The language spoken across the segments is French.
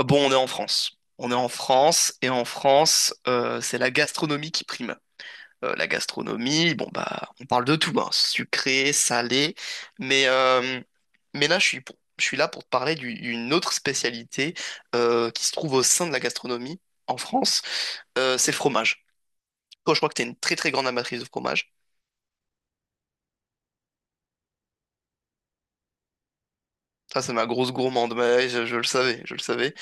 Bon, on est en France. On est en France et en France, c'est la gastronomie qui prime. La gastronomie, bon bah, on parle de tout, hein, sucré, salé, mais euh, mais là, je suis là pour te d'une autre spécialité qui se trouve au sein de la gastronomie en France. C'est le fromage. Toi, je crois que t'es une très très grande amatrice de fromage. Ça, c'est ma grosse gourmande, mais je le savais, je le savais.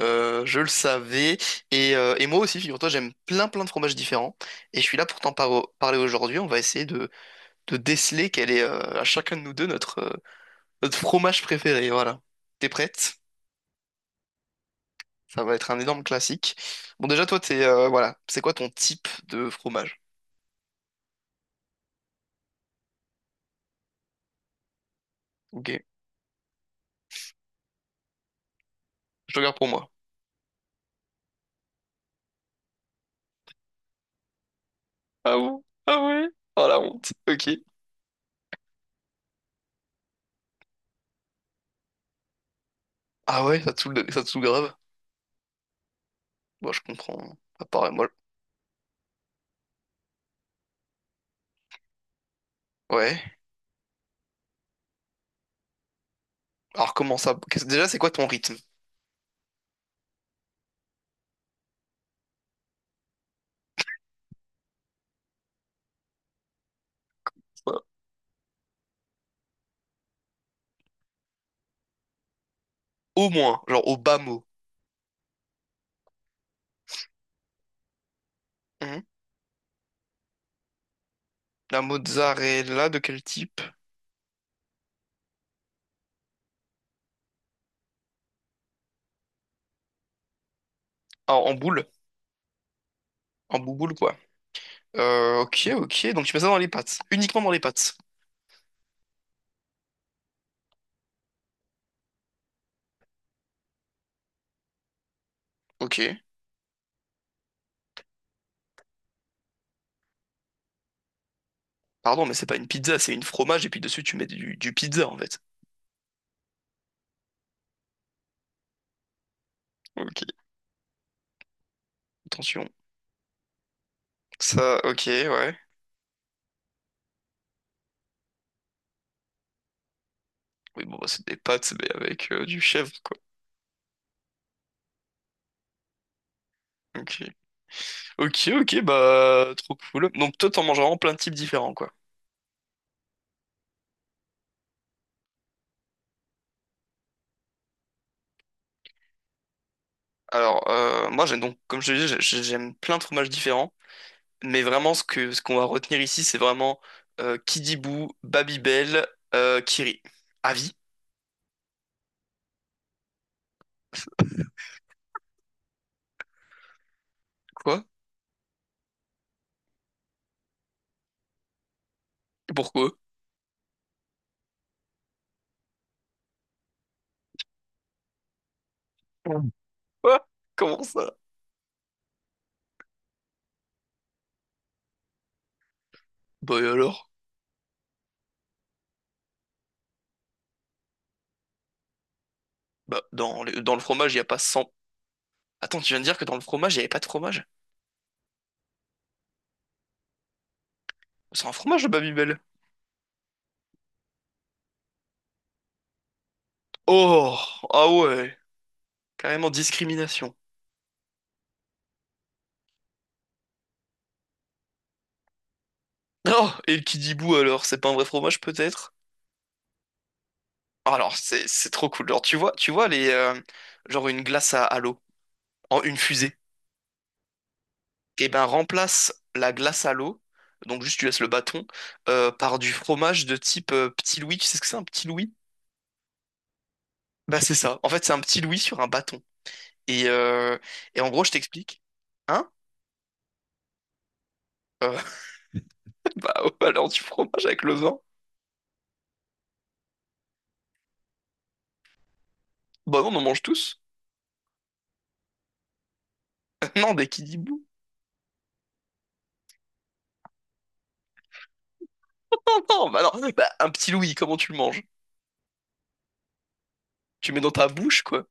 Je le savais. Et moi aussi, figure-toi, j'aime plein plein de fromages différents. Et je suis là pour parler aujourd'hui. On va essayer de déceler quel est à chacun de nous deux notre fromage préféré. Voilà. T'es prête? Ça va être un énorme classique. Bon, déjà, toi, voilà. C'est quoi ton type de fromage? Ok. Je te garde pour moi. Ah bon? Ah ouais? Oh la honte. Ok. Ah ouais, ça te saoule, ça te saoule grave? Bon, je comprends. À part, moi. Ouais. Alors, comment ça? Déjà, c'est quoi ton rythme? Au moins, genre au bas mot. La mozzarella de quel type? Ah, en boule. En bouboule, quoi. Ok, ok. Donc tu mets ça dans les pâtes. Uniquement dans les pâtes. Ok. Pardon, mais c'est pas une pizza, c'est une fromage et puis dessus tu mets du pizza en fait. Ok. Attention. Ça, ok, ouais. Oui, bon, bah, c'est des pâtes, mais avec du chèvre, quoi. Ok. Ok, ok, bah, trop cool. Donc toi, t'en manges vraiment plein de types différents, quoi. Alors, moi, j'aime donc, comme je te disais, j'aime plein de fromages différents. Mais vraiment, ce qu'on va retenir ici, c'est vraiment Kidibou, Babybel, Kiri. Avis? Quoi? Pourquoi? Quoi? Comment ça? Bah et alors? Bah, dans dans le fromage, il n'y a pas cent. Attends, tu viens de dire que dans le fromage, il n'y avait pas de fromage? C'est un fromage, le Babybel. Oh! Ah ouais! Carrément discrimination. Oh! Et le Kidibou, alors? C'est pas un vrai fromage, peut-être? Alors, c'est trop cool. Alors, tu vois, genre une glace à l'eau. En une fusée. Et ben, remplace la glace à l'eau, donc juste tu laisses le bâton, par du fromage de type petit Louis. Tu sais ce que c'est un petit Louis? Bah c'est ça. En fait, c'est un petit Louis sur un bâton. Et, euh, et en gros, je t'explique. Hein? Euh, bah, ouais, alors du fromage avec le vin? Bah non, on en mange tous. Non, des kidibou. Non, bah non. Bah, un petit Louis, comment tu le manges? Tu le mets dans ta bouche, quoi.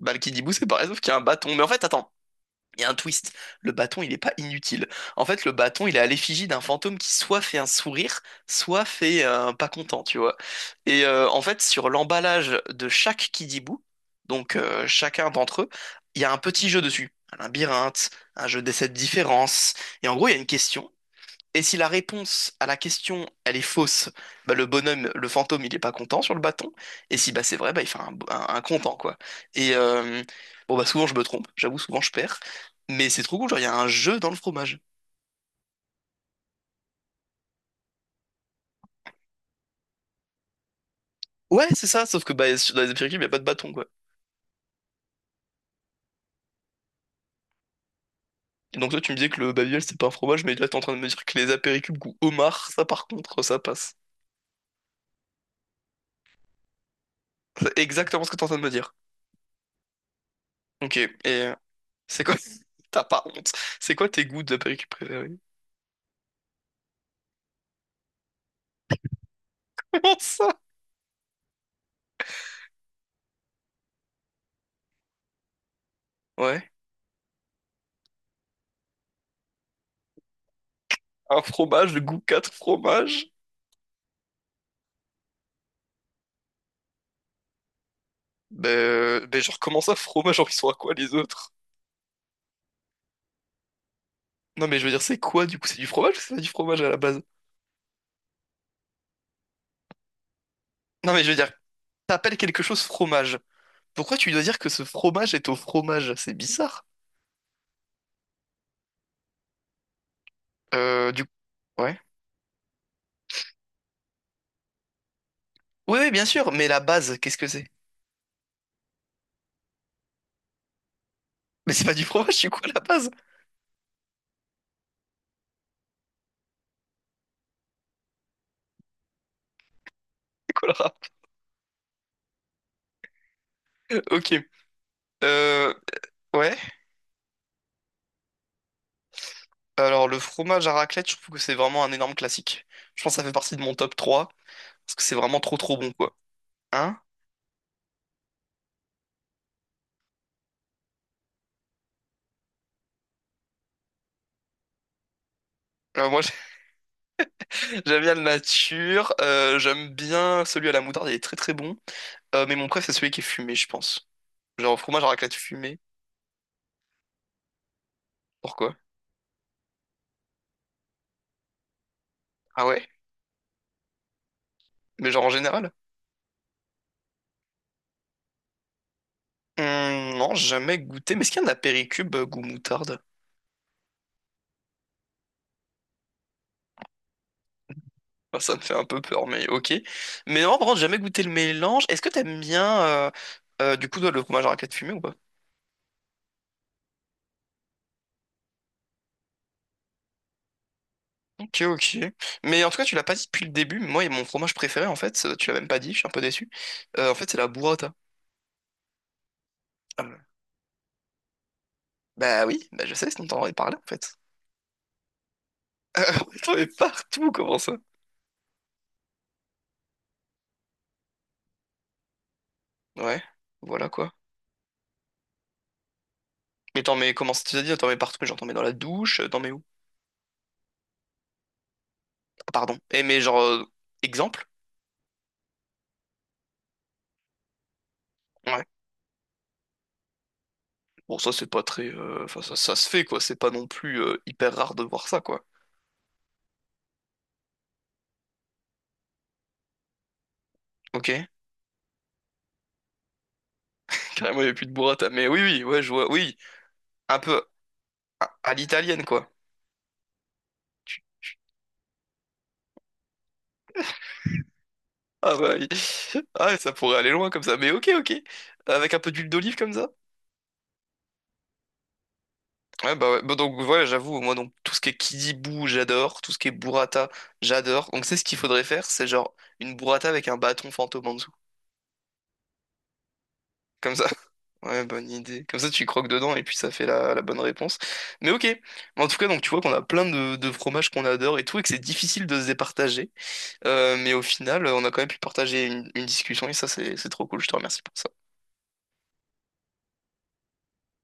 Bah le kidibou, c'est pareil, sauf qu'il y a un bâton. Mais en fait, attends. Il y a un twist. Le bâton, il n'est pas inutile. En fait, le bâton, il est à l'effigie d'un fantôme qui soit fait un sourire, soit fait un pas content, tu vois. En fait, sur l'emballage de chaque Kidibou, chacun d'entre eux, il y a un petit jeu dessus. Un labyrinthe, un jeu des sept différences. Et en gros, il y a une question. Et si la réponse à la question, elle est fausse, bah, le bonhomme, le fantôme, il est pas content sur le bâton. Et si bah, c'est vrai, bah, il fait un content, quoi. Et euh, bon, bah, souvent, je me trompe. J'avoue, souvent, je perds. Mais c'est trop cool, genre, il y a un jeu dans le fromage. Ouais, c'est ça, sauf que bah, dans les apéricubes, il n'y a pas de bâton, quoi. Et donc, toi, tu me disais que le babiol, c'est pas un fromage, mais là, t'es en train de me dire que les apéricubes goût homard, ça, par contre, ça passe. C'est exactement ce que t'es en train de me dire. Ok, et c'est quoi... T'as pas honte. C'est quoi tes goûts d'apéricubes préférés? Comment ça? Ouais. Un fromage de goût 4 fromages? Ben genre, comment ça, fromage? Genre, ils sont à quoi les autres? Non, mais je veux dire, c'est quoi du coup? C'est du fromage ou c'est pas du fromage à la base? Non, mais je veux dire, t'appelles quelque chose fromage. Pourquoi tu dois dire que ce fromage est au fromage? C'est bizarre. Du coup. Ouais. Oui, oui, bien sûr, mais la base, qu'est-ce que c'est? Mais c'est pas du fromage, du coup, à la base. C'est quoi le rap? Ok. Euh, ouais. Alors, le fromage à raclette, je trouve que c'est vraiment un énorme classique. Je pense que ça fait partie de mon top 3 parce que c'est vraiment trop trop bon, quoi. Hein? Euh, moi, J'aime bien le nature, j'aime bien celui à la moutarde, il est très très bon. Mais mon préf, c'est celui qui est fumé, je pense. Genre fromage à raclette fumé. Pourquoi? Ah ouais? Mais genre en général? Non, jamais goûté. Mais est-ce qu'il y en a Péricube goût moutarde? Enfin, ça me fait un peu peur, mais ok. Mais non, par contre, jamais goûté le mélange. Est-ce que t'aimes bien du coup toi, le fromage à raclette fumé ou pas? Ok, ok. Mais en tout cas, tu l'as pas dit depuis le début. Moi, mon fromage préféré, en fait, tu l'as même pas dit, je suis un peu déçu. En fait, c'est la burrata. Ah ouais. Bah oui, bah je sais, sinon t'en aurais parlé en fait. T'en mets partout, comment ça? Ouais, voilà quoi. Mais t'en mets, comment ça t'as dit? T'en mets partout, mais genre t'en mets dans la douche, t'en mets où? Ah, pardon. Eh mais exemple? Ouais. Bon, ça c'est pas très... Enfin, ça se fait quoi, c'est pas non plus hyper rare de voir ça quoi. Ok. Carrément, il y a plus de burrata. Mais oui, oui, ouais, je vois, oui. Un peu à l'italienne quoi. Ah bah, oui. Ah, ça pourrait aller loin comme ça. Mais ok, ok. Avec un peu d'huile d'olive comme ça? Ouais. Bah donc voilà, j'avoue, moi donc tout ce qui est Kidibou, j'adore, tout ce qui est burrata, j'adore. Donc c'est ce qu'il faudrait faire, c'est genre une burrata avec un bâton fantôme en dessous. Comme ça. Ouais, bonne idée. Comme ça tu croques dedans et puis ça fait la bonne réponse. Mais ok. Mais en tout cas, donc tu vois qu'on a plein de fromages qu'on adore et tout, et que c'est difficile de se départager. Mais au final, on a quand même pu partager une discussion et ça c'est trop cool, je te remercie pour ça.